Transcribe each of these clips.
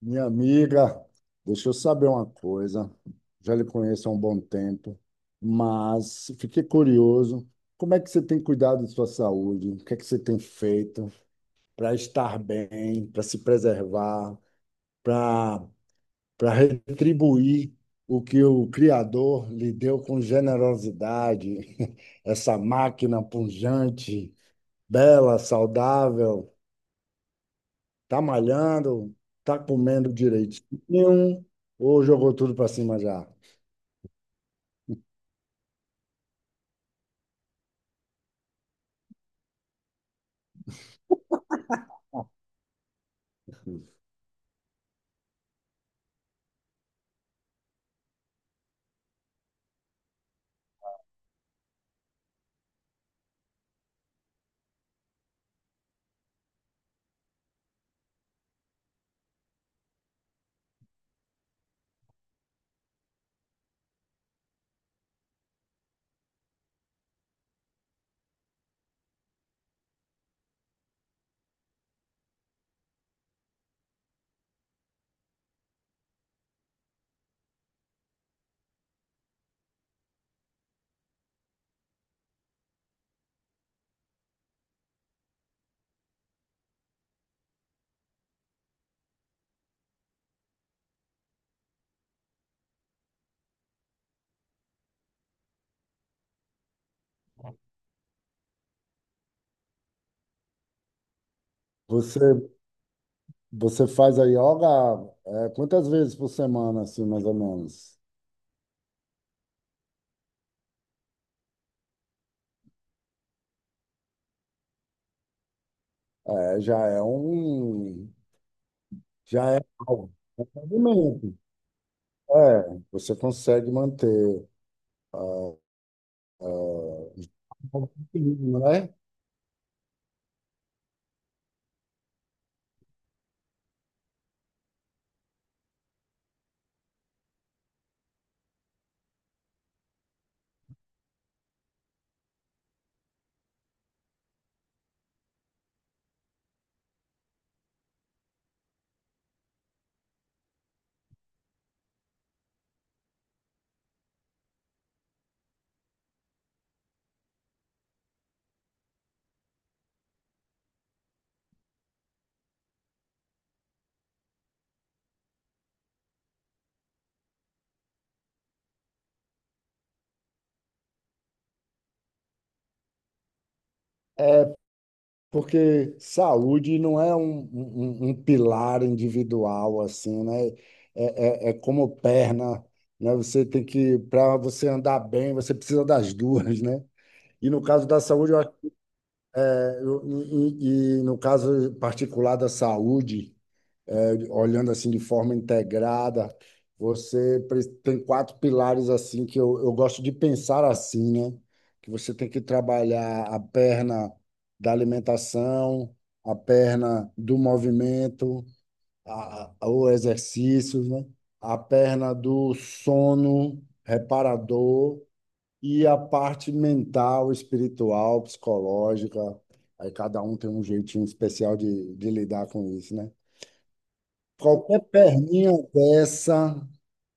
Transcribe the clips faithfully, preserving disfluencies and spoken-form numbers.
Minha amiga, deixa eu saber uma coisa. Já lhe conheço há um bom tempo, mas fiquei curioso. Como é que você tem cuidado de sua saúde? O que é que você tem feito para estar bem, para se preservar, para para retribuir o que o Criador lhe deu com generosidade? Essa máquina pujante, bela, saudável. Tá malhando, tá comendo direitinho, ou jogou tudo para cima já? Você, você faz a yoga, é, quantas vezes por semana, assim, mais ou menos? É, já é um, já é algo. É, você consegue manter, ah, um pouquinho, né? Porque saúde não é um, um, um um pilar individual, assim, né? É, é, é como perna, né? Você tem que, para você andar bem, você precisa das duas, né? E no caso da saúde, eu, acho- é, eu- e, e- e no caso particular da saúde, é, olhando assim de forma integrada. Você pre- tem quatro pilares assim que eu, eu gosto de pensar assim, né? Que você tem que trabalhar a perna da alimentação, a perna do movimento, a, a- o exercício, né? A perna do sono reparador e a parte mental, espiritual, psicológica. Aí cada um tem um jeitinho especial de, de lidar com isso, né? Qualquer perninha dessa,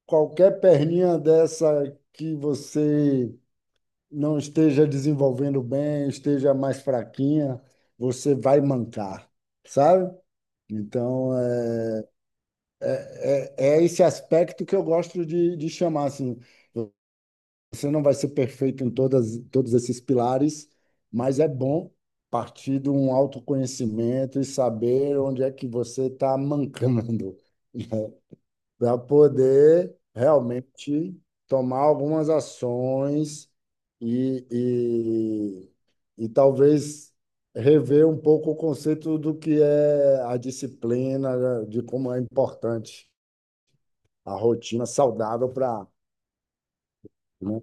qualquer perninha dessa que você não esteja desenvolvendo bem, esteja mais fraquinha, você vai mancar, sabe? Então, é, é, é esse aspecto que eu gosto de, de chamar, assim, você não vai ser perfeito em todas, todos esses pilares, mas é bom partir de um autoconhecimento e saber onde é que você está mancando, para poder realmente tomar algumas ações e, e, e talvez rever um pouco o conceito do que é a disciplina, né, de como é importante a rotina saudável para, né?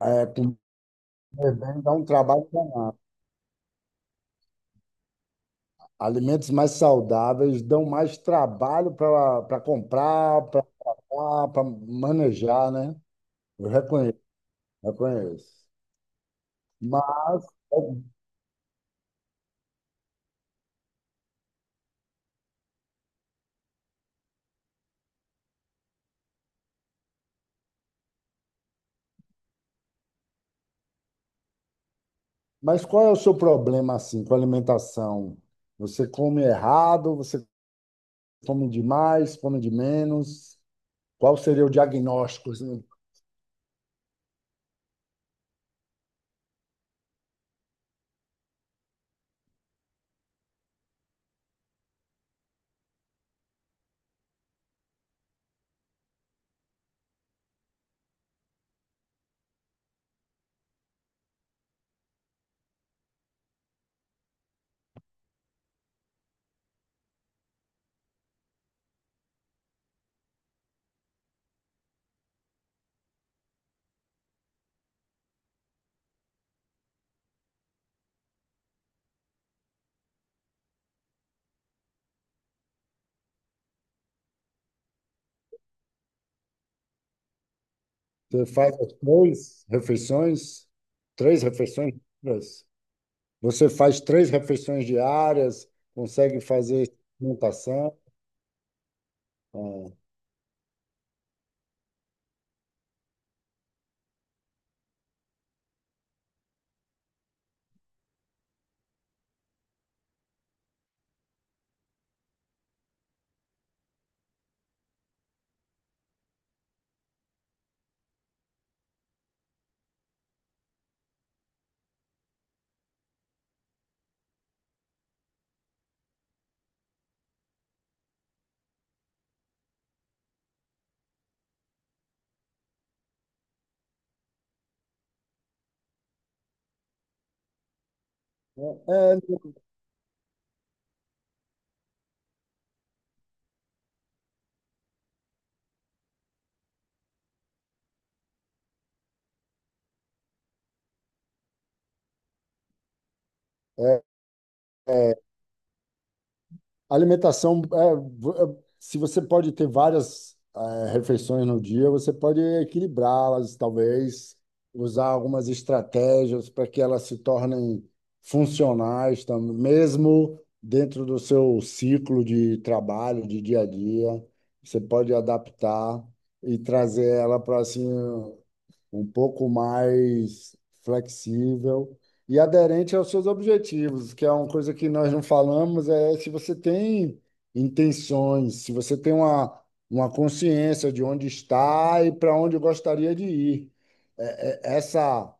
É, comer bem dá um trabalho danado. Alimentos mais saudáveis dão mais trabalho para para comprar, para para manejar, né? Eu reconheço, reconheço. Mas Mas qual é o seu problema assim com a alimentação? Você come errado, você come demais, come de menos? Qual seria o diagnóstico, assim? Você faz as três refeições? Três refeições? Diárias? Você faz três refeições diárias, consegue fazer alimentação? É. é, é Alimentação, é, vo- é, se você pode ter várias é, refeições no dia, você pode equilibrá-las, talvez, usar algumas estratégias para que elas se tornem funcionais, tam- mesmo dentro do seu ciclo de trabalho, de dia a dia. Você pode adaptar e trazer ela para assim um pouco mais flexível e aderente aos seus objetivos, que é uma coisa que nós não falamos, é se você tem intenções, se você tem uma, uma consciência de onde está e para onde gostaria de ir. É- é- essa,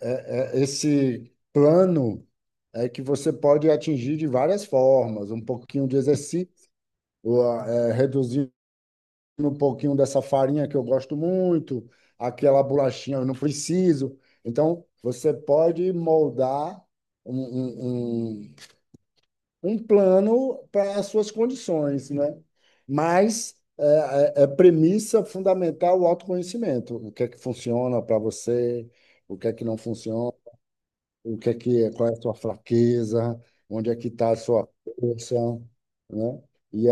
é- Esse plano é que você pode atingir de várias formas, um pouquinho de exercício, ou, é, reduzir um pouquinho dessa farinha que eu gosto muito, aquela bolachinha eu não preciso. Então, você pode moldar um, um, um, um plano para as suas condições, né? Mas é, é, é premissa fundamental o autoconhecimento. O que é que funciona para você, o que é que não funciona, o que é que é, qual é a sua fraqueza, onde é que está a sua força, né? E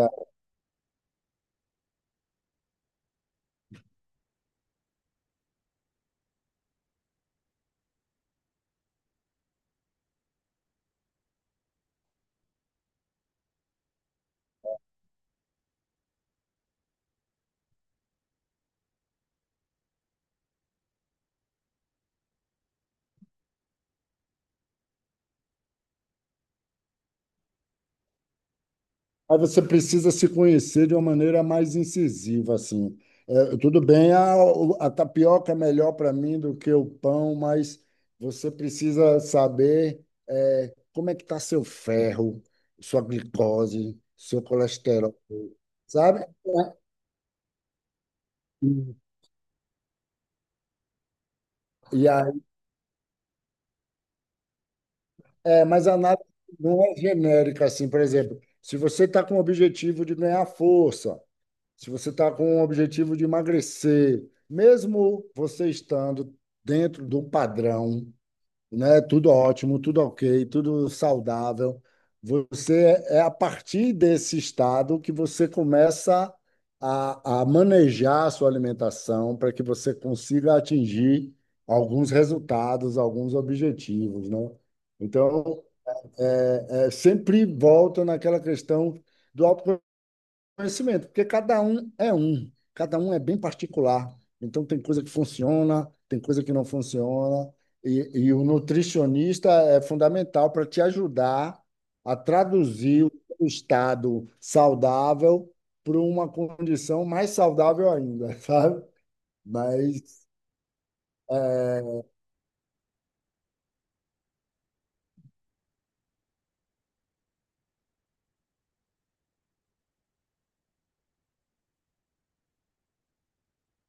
Mas você precisa se conhecer de uma maneira mais incisiva, assim. É, tudo bem, a, o- a tapioca é melhor para mim do que o pão, mas você precisa saber é, como é que está seu ferro, sua glicose, seu colesterol, sabe? Hum. E aí, é, mas a análise não é genérica, assim, por exemplo, se você está com o objetivo de ganhar força. Se você está com o objetivo de emagrecer, mesmo você estando dentro do padrão, né, tudo ótimo, tudo ok, tudo saudável, você é a partir desse estado que você começa a, a manejar a sua alimentação para que você consiga atingir alguns resultados, alguns objetivos, né? Então, é, é, sempre volta naquela questão do autoconhecimento. Conhecimento, porque cada um é um, cada um é bem particular. Então, tem coisa que funciona, tem coisa que não funciona, e, e o nutricionista é fundamental para te ajudar a traduzir o estado saudável para uma condição mais saudável ainda, sabe? Mas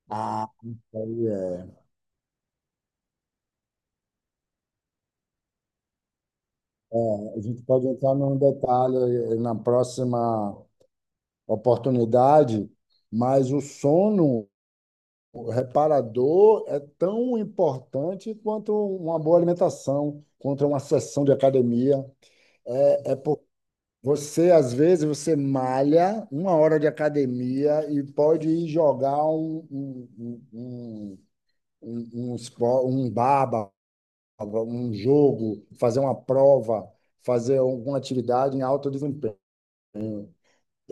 ah, aí é, a gente pode entrar num detalhe na próxima oportunidade, mas o sono. O reparador é tão importante quanto uma boa alimentação, quanto uma sessão de academia. É, é por- Você, às vezes, você malha uma hora de academia e pode ir jogar um, um, um, um, um, espo- um baba, um jogo, fazer uma prova, fazer alguma atividade em alto desempenho.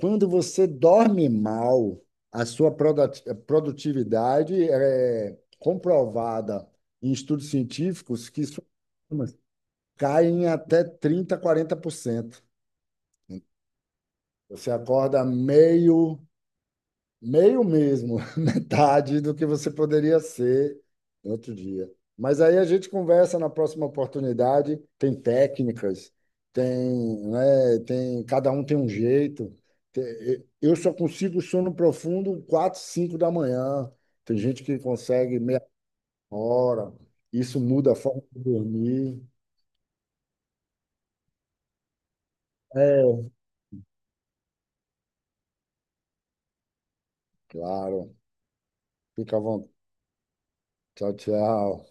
Quando você dorme mal, a sua produt- produtividade é comprovada em estudos científicos que isso- caem até trinta, quarenta por cento. Você acorda meio Meio mesmo, metade do que você poderia ser no outro dia. Mas aí a gente conversa na próxima oportunidade. Tem técnicas, tem, né, tem, cada um tem um jeito. Te- Eu só consigo sono profundo quatro cinco da manhã. Tem gente que consegue meia hora. Isso muda a forma de dormir. É, claro. Fica à vontade. Tchau, tchau.